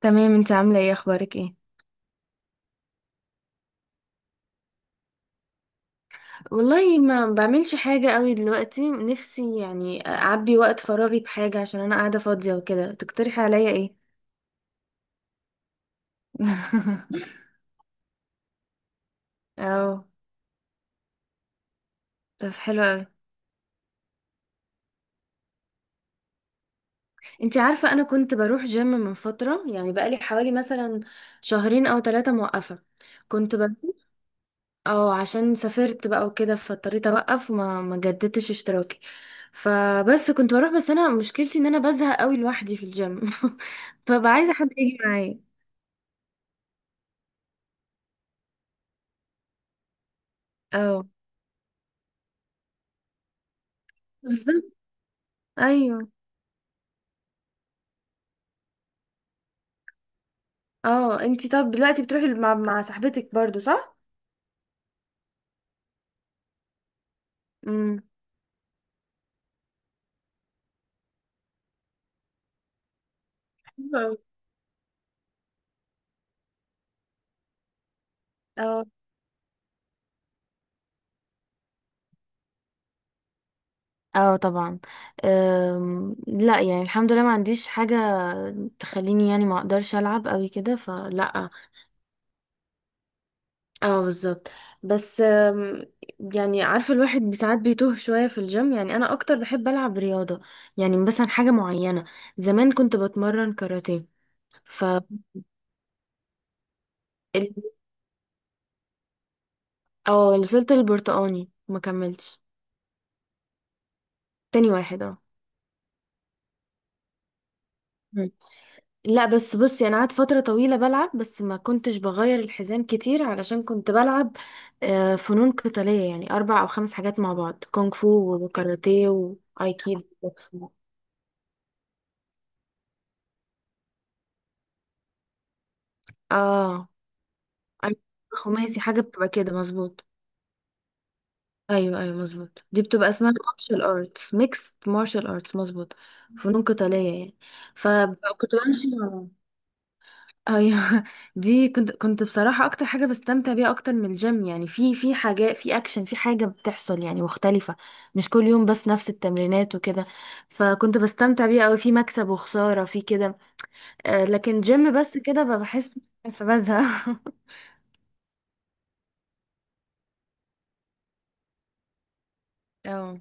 تمام، انت عاملة ايه؟ اخبارك ايه؟ والله ما بعملش حاجة قوي دلوقتي. نفسي يعني أعبي وقت فراغي بحاجة، عشان أنا قاعدة فاضية وكده. تقترحي عليا إيه؟ اه. طب حلو قوي. انتي عارفة أنا كنت بروح جيم من فترة، يعني بقالي حوالي مثلا شهرين أو ثلاثة موقفة. كنت ب... اه، عشان سافرت بقى وكده فاضطريت أوقف، وما ما جددتش اشتراكي. فبس كنت بروح. بس أنا مشكلتي إن أنا بزهق قوي لوحدي في الجيم. فبقى عايزة حد يجي معايا. اه، بالظبط. ايوه. اه، انتي طب دلوقتي بتروحي مع صاحبتك برضو صح؟ امم. حلو أوي. اه. اه، طبعا. لا يعني، الحمد لله ما عنديش حاجة تخليني يعني ما اقدرش العب قوي كده، فلا. اه، بالظبط. بس يعني عارفه الواحد بساعات بيتوه شويه في الجيم. يعني انا اكتر بحب العب رياضه، يعني مثلا حاجه معينه. زمان كنت بتمرن كاراتيه. ف ال- اه، وصلت البرتقاني ما كملتش. تاني واحد، اه. مم. لا بس بصي، انا قعدت فتره طويله بلعب، بس ما كنتش بغير الحزام كتير علشان كنت بلعب فنون قتاليه، يعني اربع او خمس حاجات مع بعض. كونغ فو وكاراتيه وايكيدو بوكسينج. اه. أي- خماسي، حاجه بتبقى كده مظبوط. ايوه، ايوه، مظبوط. دي بتبقى اسمها مارشال ارتس، ميكس مارشال ارتس، مظبوط. فنون قتاليه يعني. فكنت بعمل حاجه. ايوه. دي كنت بصراحة اكتر حاجة بستمتع بيها اكتر من الجيم. يعني في حاجات، في اكشن، في حاجة بتحصل يعني مختلفة، مش كل يوم بس نفس التمرينات وكده. فكنت بستمتع بيها قوي، في مكسب وخسارة، في كده. لكن جيم بس كده ببقى بحس. فبزهق. اه،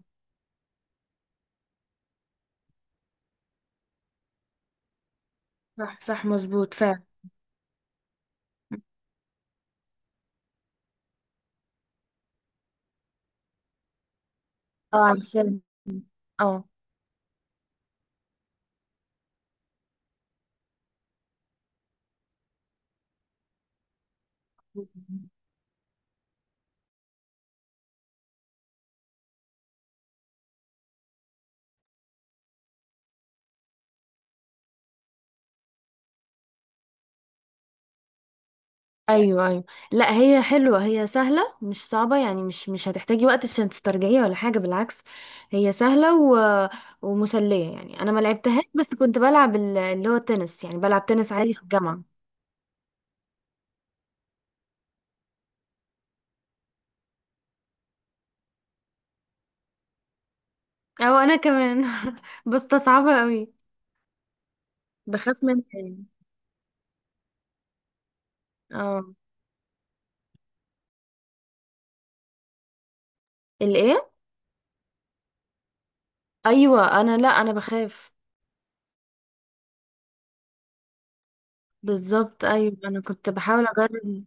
صح، صح، مظبوط فعلا. اه، عارفة. اه. ايوه، ايوه. لا هي حلوه، هي سهله مش صعبه، يعني مش هتحتاجي وقت عشان تسترجعيها ولا حاجه، بالعكس. هي سهله ومسليه. يعني انا ما لعبتهاش، بس كنت بلعب اللي هو التنس، يعني بلعب تنس عادي في الجامعه. او انا كمان. بستصعبها قوي، بخاف منها يعني. اه، الايه. ايوه، انا، لا، انا بخاف. بالظبط ايوه، انا كنت بحاول اجرب.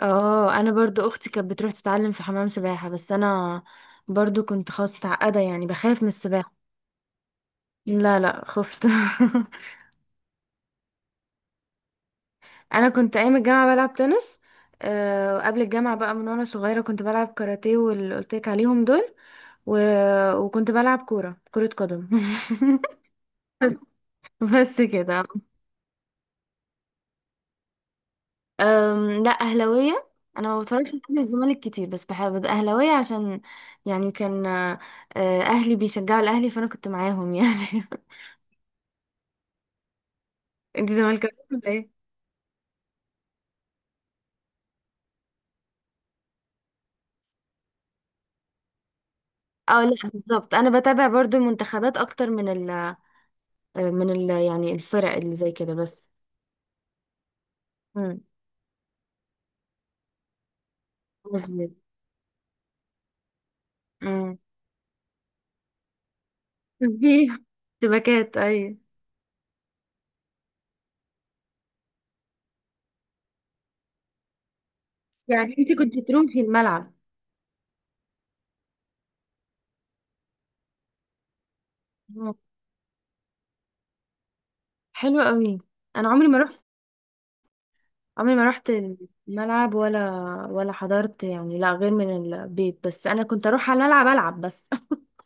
اه، انا برضو اختي كانت بتروح تتعلم في حمام سباحه، بس انا برضو كنت خلاص متعقدة، يعني بخاف من السباحة. لا، لا، خفت. انا كنت ايام الجامعه بلعب تنس. وقبل الجامعه بقى، من وانا صغيره كنت بلعب كاراتيه واللي قلت لك عليهم دول و... وكنت بلعب كره قدم. بس كده. لا، اهلاويه. انا ما بتفرجش على اهلي والزمالك كتير، بس بحب اهلاويه عشان، يعني كان اهلي بيشجعوا الاهلي، فانا كنت معاهم يعني. انت زملكاويه ولا ايه؟ اه لا، بالظبط، انا بتابع برضو المنتخبات اكتر من ال يعني الفرق اللي زي كده، بس. مم. مظبوط. مم. شبكات اي. يعني انت كنت تروحي الملعب؟ مم. حلو قوي. انا عمري ما رحت الملعب ولا حضرت يعني، لا، غير من البيت. بس انا كنت اروح على الملعب العب بس.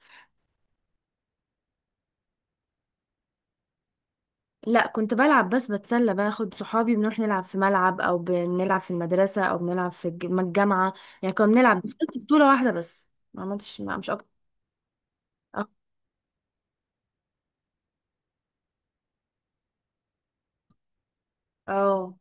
لا، كنت بلعب بس بتسلى، باخد صحابي بنروح نلعب في ملعب، او بنلعب في المدرسة، او بنلعب في الجامعة. يعني كنا بنلعب. دخلت بطولة واحدة بس، ما عملتش، ما مش اكتر. اه. أه.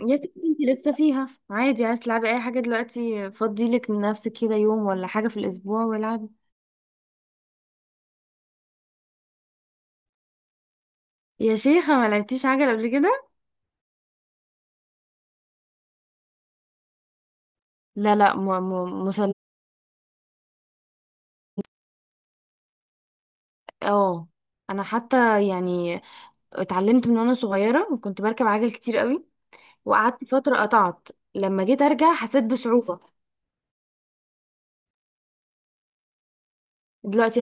يا ستي انت لسه فيها عادي، عايز تلعبي اي حاجه، دلوقتي فضي لك لنفسك كده يوم ولا حاجه في الاسبوع والعبي. يا شيخه ما لعبتيش عجل قبل كده؟ لا، لا، م م مسل اه. انا حتى يعني اتعلمت من وانا صغيره، وكنت بركب عجل كتير قوي، وقعدت فتره قطعت. لما جيت ارجع حسيت بصعوبه دلوقتي.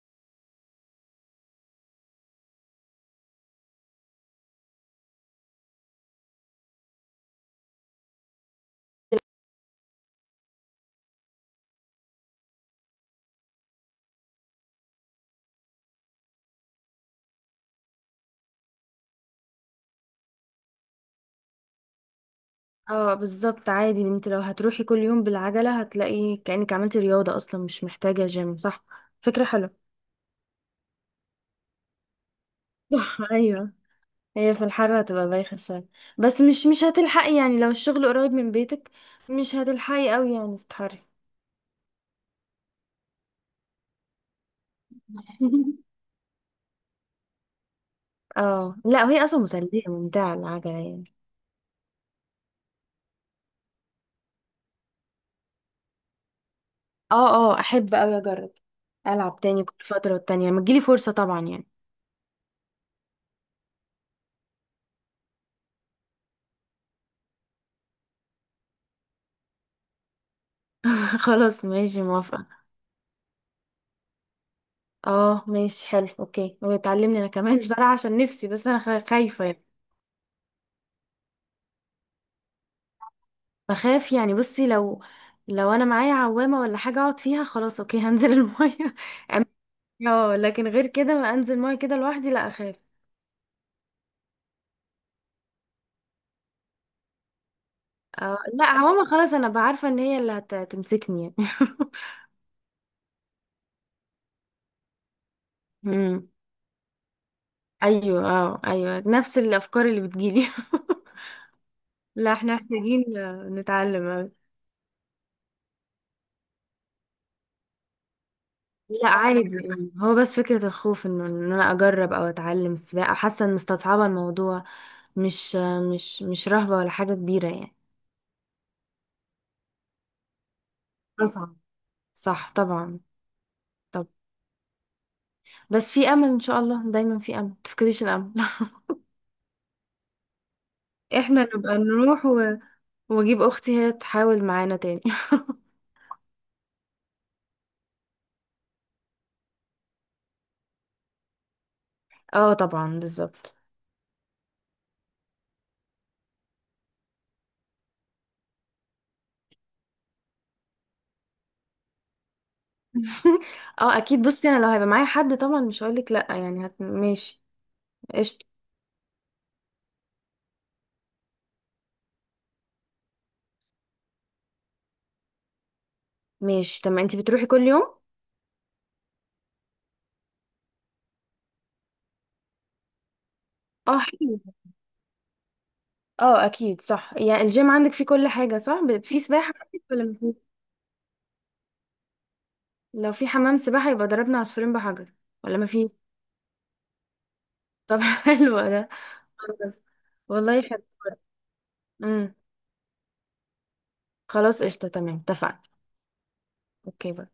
اه، بالظبط عادي. انت لو هتروحي كل يوم بالعجله هتلاقي كانك عملتي رياضه اصلا، مش محتاجه جيم، صح. فكره حلوه. صح، ايوه. هي في الحر هتبقى بايخة شوية، بس مش هتلحقي يعني، لو الشغل قريب من بيتك مش هتلحقي قوي يعني تتحري. اه، لا، هي اصلا مسلية ممتعة العجلة يعني. اه، اه، احب قوي اجرب. العب تاني كل فترة والتانية لما تجيلي فرصة، طبعا يعني. خلاص ماشي، موافقة. اه ماشي، حلو، اوكي. وتعلمني انا كمان. بصراحة عشان نفسي، بس انا خايفة يعني. بخاف يعني. بصي، لو انا معايا عوامة ولا حاجة اقعد فيها، خلاص اوكي هنزل المية. اه، لكن غير كده ما انزل ميه كده لوحدي، لا، اخاف. اه، لا، عموما خلاص، انا بعارفه ان هي اللي هتمسكني يعني. امم. ايوه، اه، ايوه، نفس الافكار اللي بتجيلي. لا، احنا محتاجين نتعلم أوي. لا، عادي يعني. هو بس فكره الخوف، انه ان انا اجرب او اتعلم السباحه، حاسه ان مستصعبه الموضوع، مش مش رهبه ولا حاجه كبيره يعني. اصعب، صح طبعا. طب بس في امل، ان شاء الله دايما في امل، متفقديش الامل. احنا نبقى نروح، واجيب اختي هي تحاول معانا تاني. اه، طبعا، بالظبط. اه، اكيد، بصي انا لو هيبقى معايا حد طبعا مش هقولك لا، يعني ماشي. قشطة. ماشي، طب ما انتي بتروحي كل يوم؟ اه، حلو. اه، اكيد، صح يعني الجيم عندك فيه كل حاجة، صح، في سباحة عندك ولا مفيش؟ لو في حمام سباحة يبقى ضربنا عصفورين بحجر، ولا مفيش؟ طب. حلو ده. والله حلو. امم. خلاص قشطة، تمام، اتفقنا. اوكي باي.